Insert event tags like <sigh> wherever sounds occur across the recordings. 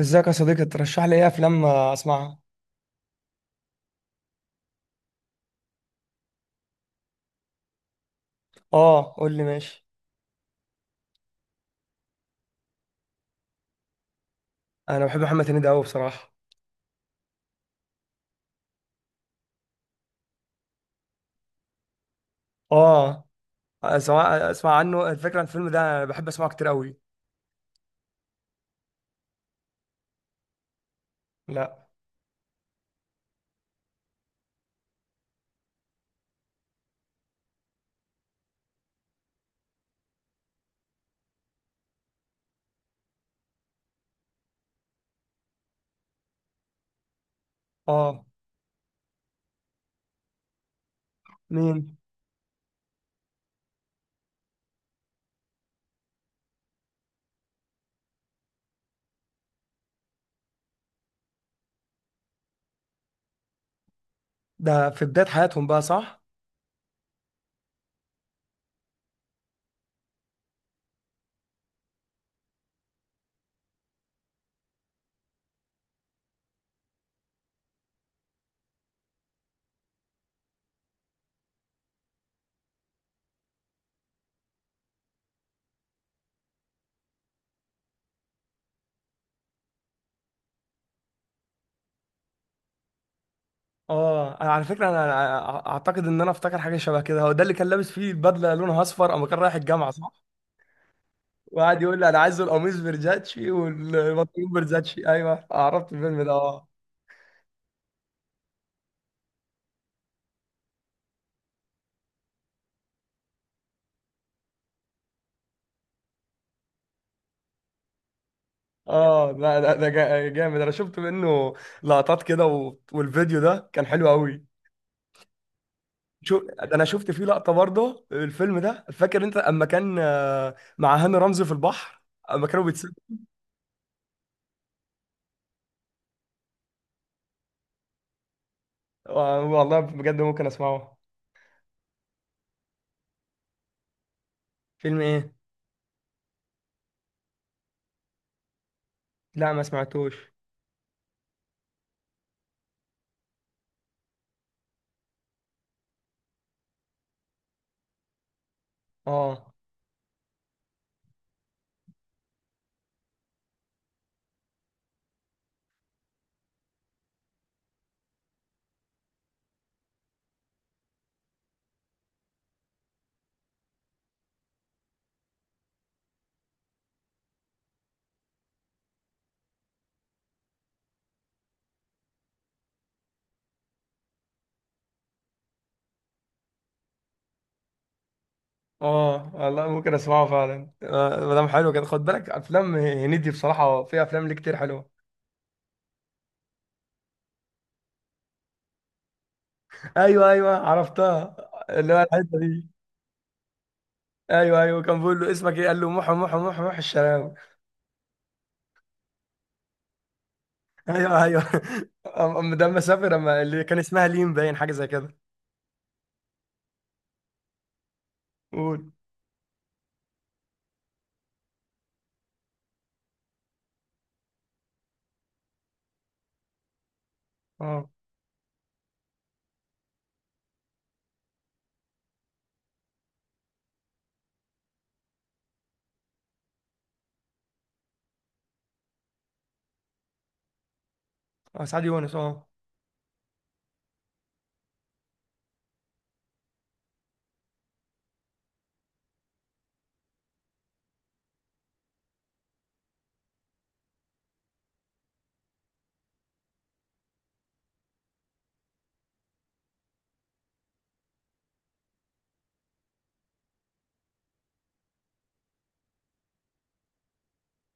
ازيك يا صديقي؟ ترشح لي ايه افلام اسمعها؟ اه، قول لي ماشي. انا بحب محمد هنيدي قوي بصراحه. اه، اسمع اسمع عنه الفكره عن الفيلم ده، انا بحب اسمعه كتير قوي. لا. اه، مين؟ ده في بدايه حياتهم بقى، صح؟ اه، انا على فكره، انا اعتقد ان انا افتكر حاجه شبه كده، هو ده اللي كان لابس فيه البدله لونها اصفر اما كان رايح الجامعه، صح؟ وقعد يقول لي، انا عايز القميص فيرزاتشي والبنطلون فيرزاتشي. ايوه، عرفت الفيلم ده، اه. اه، لا، ده جامد، انا شفت منه لقطات كده، والفيديو ده كان حلو قوي. شو ده! انا شفت فيه لقطه برضه الفيلم ده، فاكر انت اما كان مع هاني رمزي في البحر، اما كانوا بيتسابوا. والله بجد ممكن اسمعه. فيلم ايه؟ لا، ما سمعتوش. اه، اه، والله ممكن اسمعه فعلا. ما دام حلو كده، خد بالك افلام هنيدي بصراحه، في افلام ليه كتير حلوه. <laughs> ايوه ايوه، عرفتها، اللي هو الحته دي. ايوه ايوه، كان بيقول له، اسمك ايه؟ قال له، محو محو محو محو الشراوي. ايوه ايوه. <laughs> ده اما سافر، اما اللي كان اسمها ليم، باين حاجه زي كده. قول. اه. اه، سعد يونس، اه.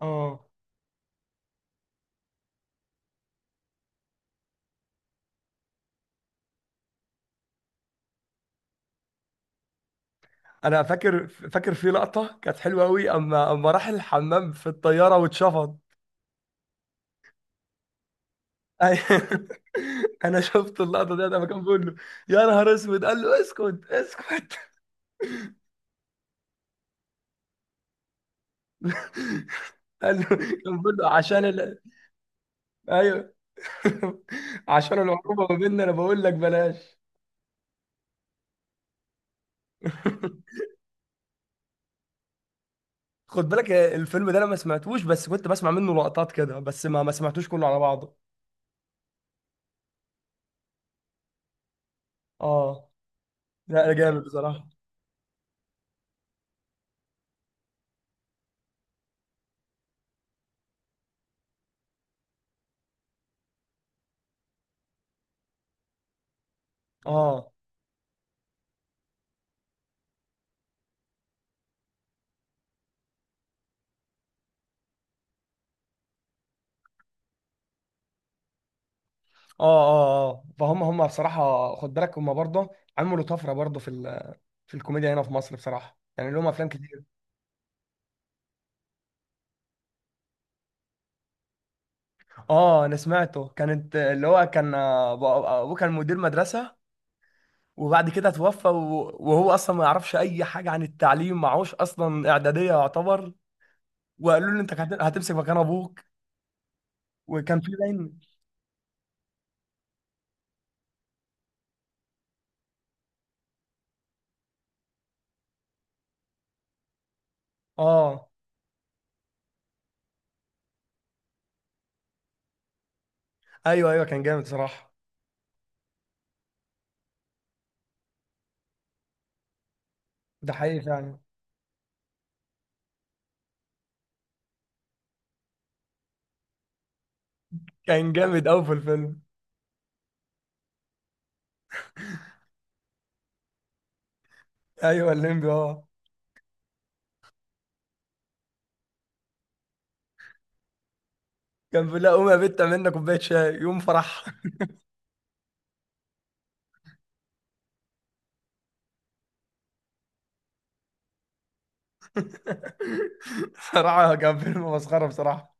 اه، انا فاكر فاكر في لقطه كانت حلوه قوي، اما راح الحمام في الطياره واتشفط. أيوة. <laughs> انا شفت اللقطه ديت اما كان بيقول له، يا نهار اسود! قال له، اسكت اسكت. <laughs> قال له، كان بيقول له عشان ايوه، <laughs> عشان العقوبه ما بيننا، انا بقول لك بلاش. <laughs> خد بالك، الفيلم ده انا ما سمعتوش، بس كنت بسمع منه لقطات كده، بس ما سمعتوش كله على بعضه. اه. لا لا، جامد بصراحه. اه اه اه اه، فهم هم بصراحه، خد بالك، هم برضه عملوا طفره برضه في في الكوميديا هنا في مصر بصراحه، يعني لهم افلام كتير. اه، انا سمعته، كانت اللي هو كان، ابوه كان مدير مدرسه، وبعد كده توفى، وهو اصلا ما يعرفش اي حاجه عن التعليم، معهوش اصلا اعداديه يعتبر. وقالوا له، انت هتمسك مكان ابوك. وكان في باين. اه. ايوه ايوه، كان جامد صراحه. ده حقيقي فعلا. كان جامد قوي في الفيلم. ايوه، الليمبي، اه. كان بيقول لها، قوم يا بت اعمل لنا كوبايه شاي يوم فرح. <laughs> صراحه كان فيلم مسخره بصراحه.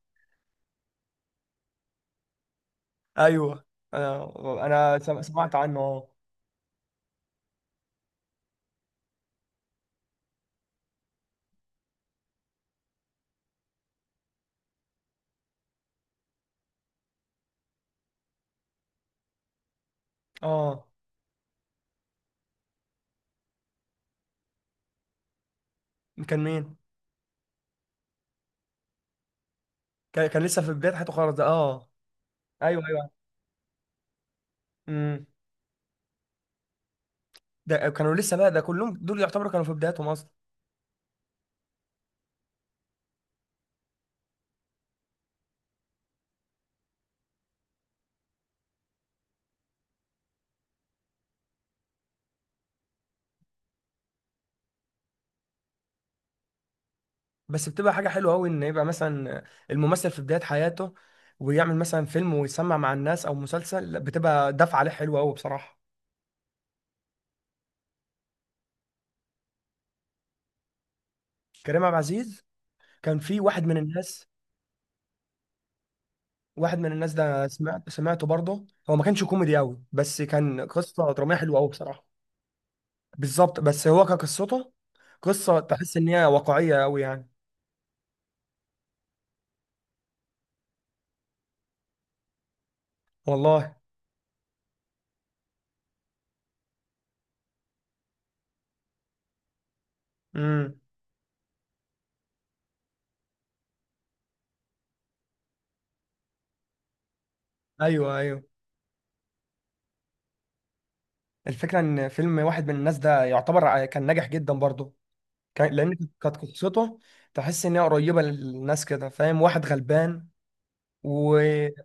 ايوه، انا انا سمعت عنه، اه. اه، كان مين؟ كان لسه في بدايه حياته خالص ده، اه. ايوه ايوه. امم. ده كانوا لسه بقى، ده كلهم دول يعتبروا كانوا في بداياتهم اصلا. بس بتبقى حاجة حلوة أوي إن يبقى مثلا الممثل في بداية حياته ويعمل مثلا فيلم ويسمع مع الناس أو مسلسل، لا، بتبقى دفعة عليه حلوة أوي بصراحة. كريم عبد العزيز، كان في واحد من الناس. واحد من الناس ده سمعت سمعته برضه، هو ما كانش كوميدي أوي، بس كان قصة درامية حلوة أوي بصراحة. بالظبط، بس هو كقصته، قصة تحس إن هي واقعية أوي يعني. والله. امم. أيوه أيوه، الفكرة إن فيلم واحد من الناس ده يعتبر كان ناجح جدا برضه، لان كانت قصته تحس ان هي قريبه للناس كده، فاهم، واحد غلبان. وبالظبط.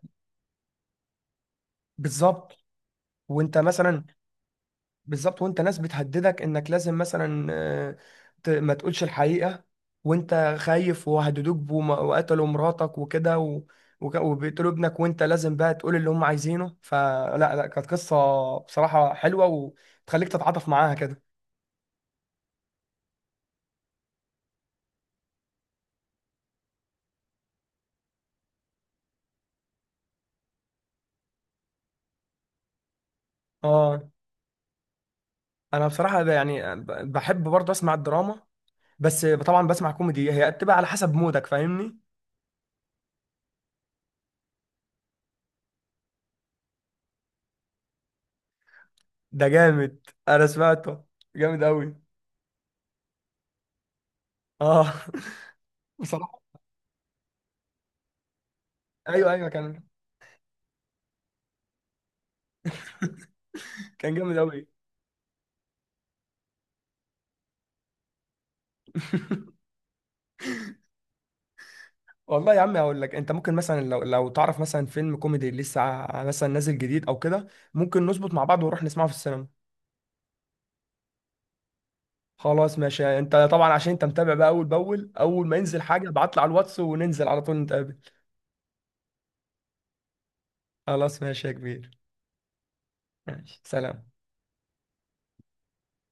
وانت مثلا، بالظبط، وانت ناس بتهددك انك لازم مثلا، ما تقولش الحقيقه، وانت خايف، وهددوك وقتلوا مراتك وكده، وبيقتلوا ابنك، وانت لازم بقى تقول اللي هم عايزينه، فلا لا كانت قصه بصراحه حلوه، وتخليك تتعاطف معاها كده. اه، انا بصراحه، يعني بحب برضه اسمع الدراما، بس طبعا بسمع كوميدي، هي بتبقى على حسب مودك، فاهمني؟ ده جامد، انا سمعته، جامد قوي، اه. <laughs> بصراحه، ايوه ايوه، كان، <laughs> كان جامد قوي. والله يا عم هقول لك، انت ممكن مثلا لو تعرف مثلا فيلم كوميدي لسه، مثلا نازل جديد او كده، ممكن نظبط مع بعض ونروح نسمعه في السينما. خلاص ماشي، انت طبعا عشان انت متابع بقى، اول باول، اول ما ينزل حاجه ابعت لي على الواتس وننزل على طول نتقابل. خلاص ماشي يا كبير. ماشي، سلام.